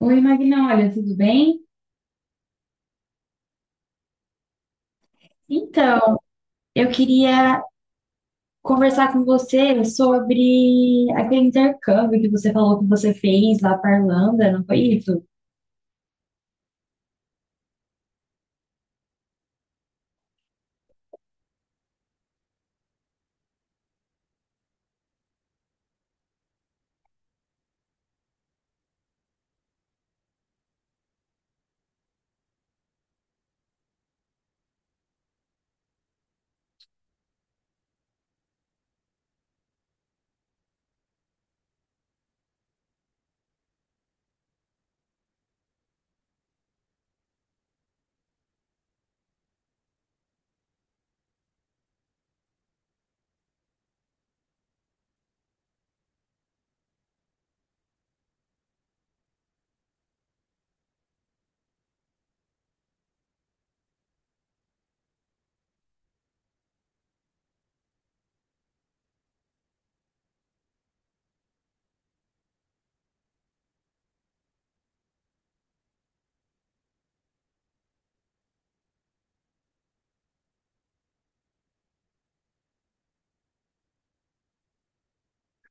Oi, Magna, olha, tudo bem? Então, eu queria conversar com você sobre aquele intercâmbio que você falou que você fez lá para a Irlanda, não foi isso?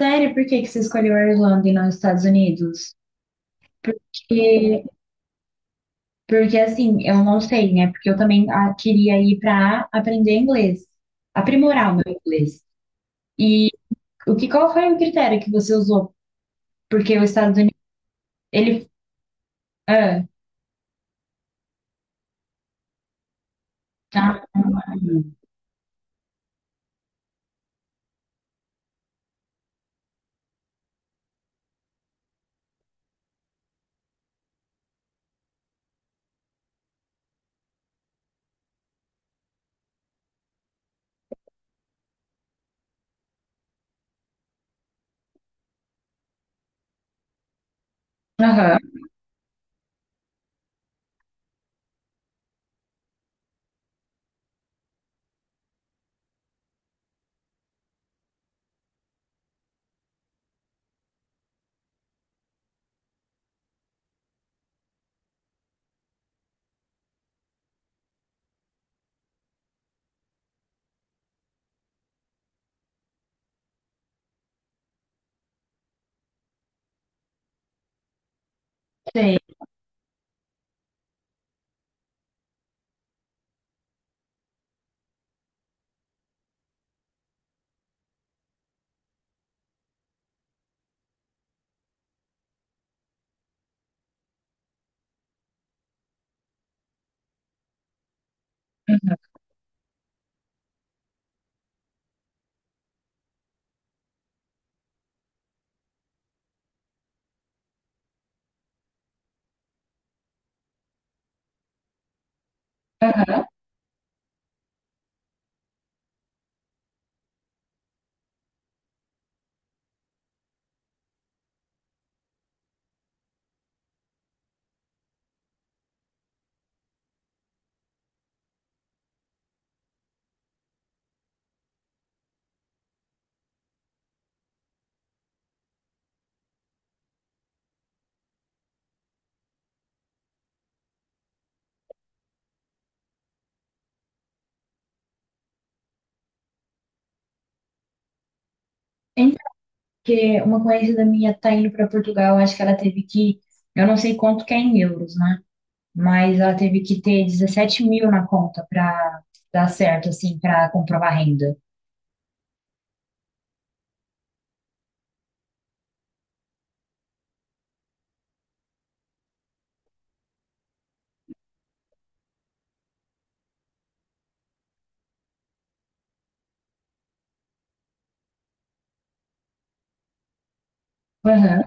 Sério, por que que você escolheu a Irlanda e não os Estados Unidos? Porque, porque assim, eu não sei, né? Porque eu também queria ir para aprender inglês, aprimorar o meu inglês. E o que, qual foi o critério que você usou? Porque os Estados Unidos, ele... Ah, tá. Aham, sei. Aham. Então, porque uma conhecida minha tá indo para Portugal, acho que ela teve que, eu não sei quanto que é em euros, né? Mas ela teve que ter 17 mil na conta para dar certo, assim, para comprovar a renda. Aham.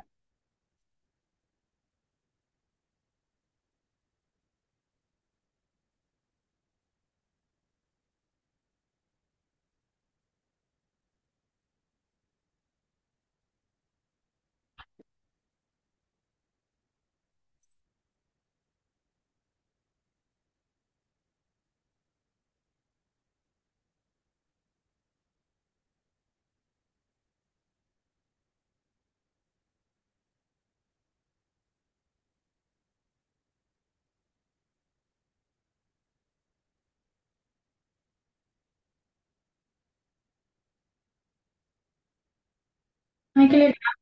Ai, que legal.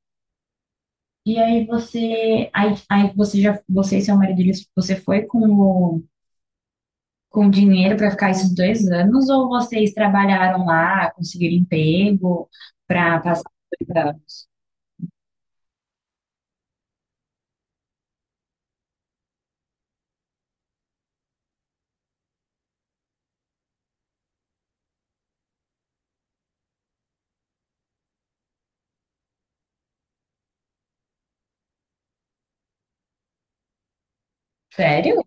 E aí você, aí você já, você e seu marido, eles- você foi com o dinheiro para ficar esses 2 anos ou vocês trabalharam lá, conseguiram emprego para passar 2 anos? Sério?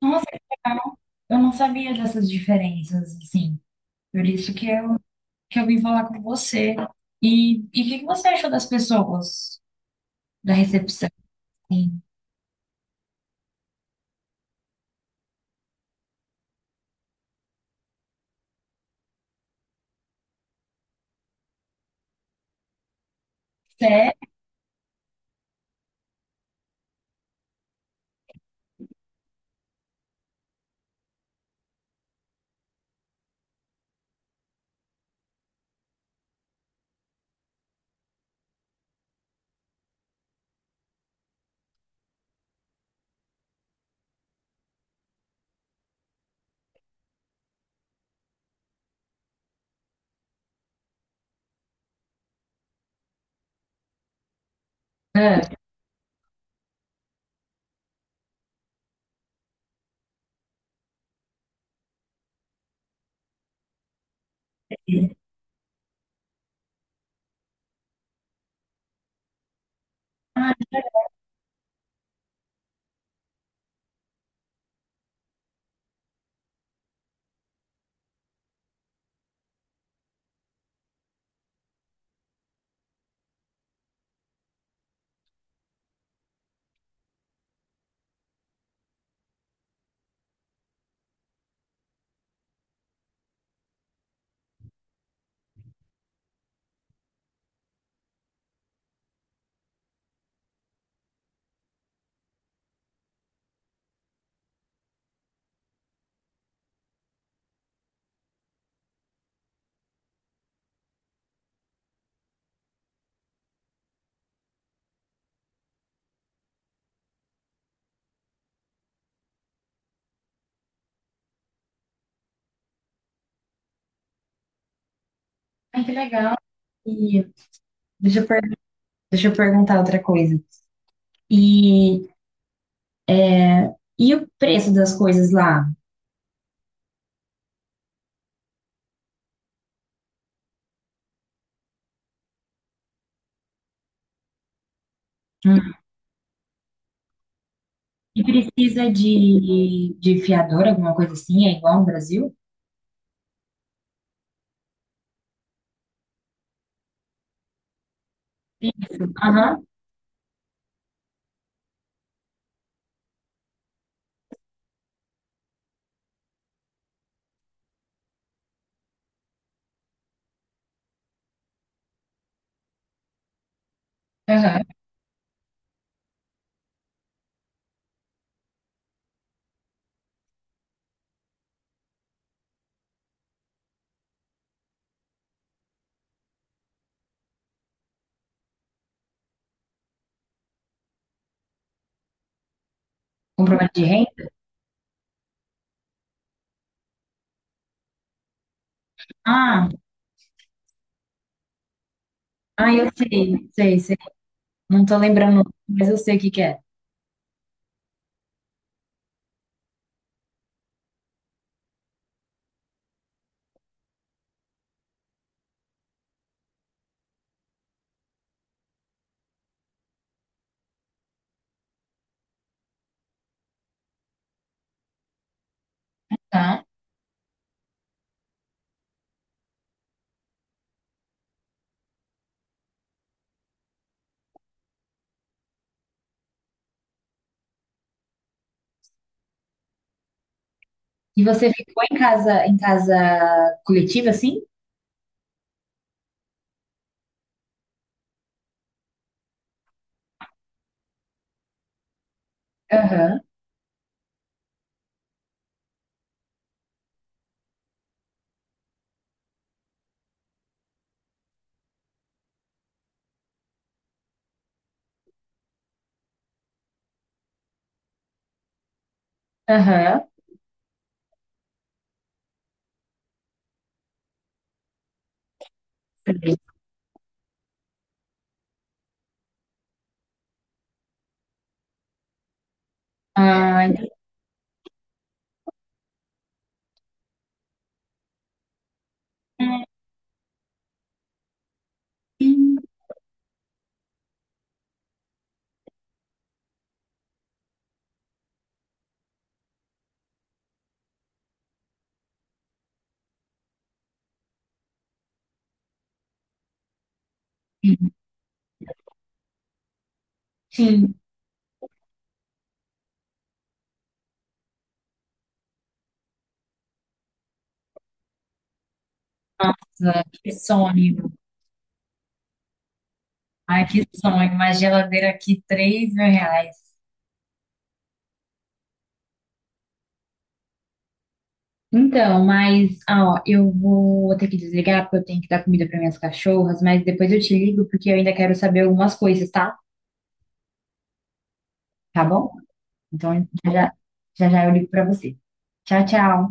Nossa, que legal. Eu não sabia dessas diferenças, assim. Por isso que eu vim falar com você. E o que que você achou das pessoas da recepção? Assim, sério? Ah, ah, que legal. E deixa eu, per- deixa eu perguntar outra coisa. E, e o preço das coisas lá? Hum. E precisa de fiador, alguma coisa assim? É igual no Brasil? Aham. Aham. Comprovante de renda? Ah, ah, eu sei, sei, sei. Não tô lembrando, mas eu sei o que que é. Tá. E você ficou em casa coletiva, assim? Aham, aham. Ah, entendi. Sim, que sonho. Ai, que sonho. Uma geladeira aqui, R$ 3.000. Então, mas, ó, eu vou ter que desligar porque eu tenho que dar comida para minhas cachorras, mas depois eu te ligo porque eu ainda quero saber algumas coisas, tá? Tá bom? Então, já já, já eu ligo para você. Tchau, tchau.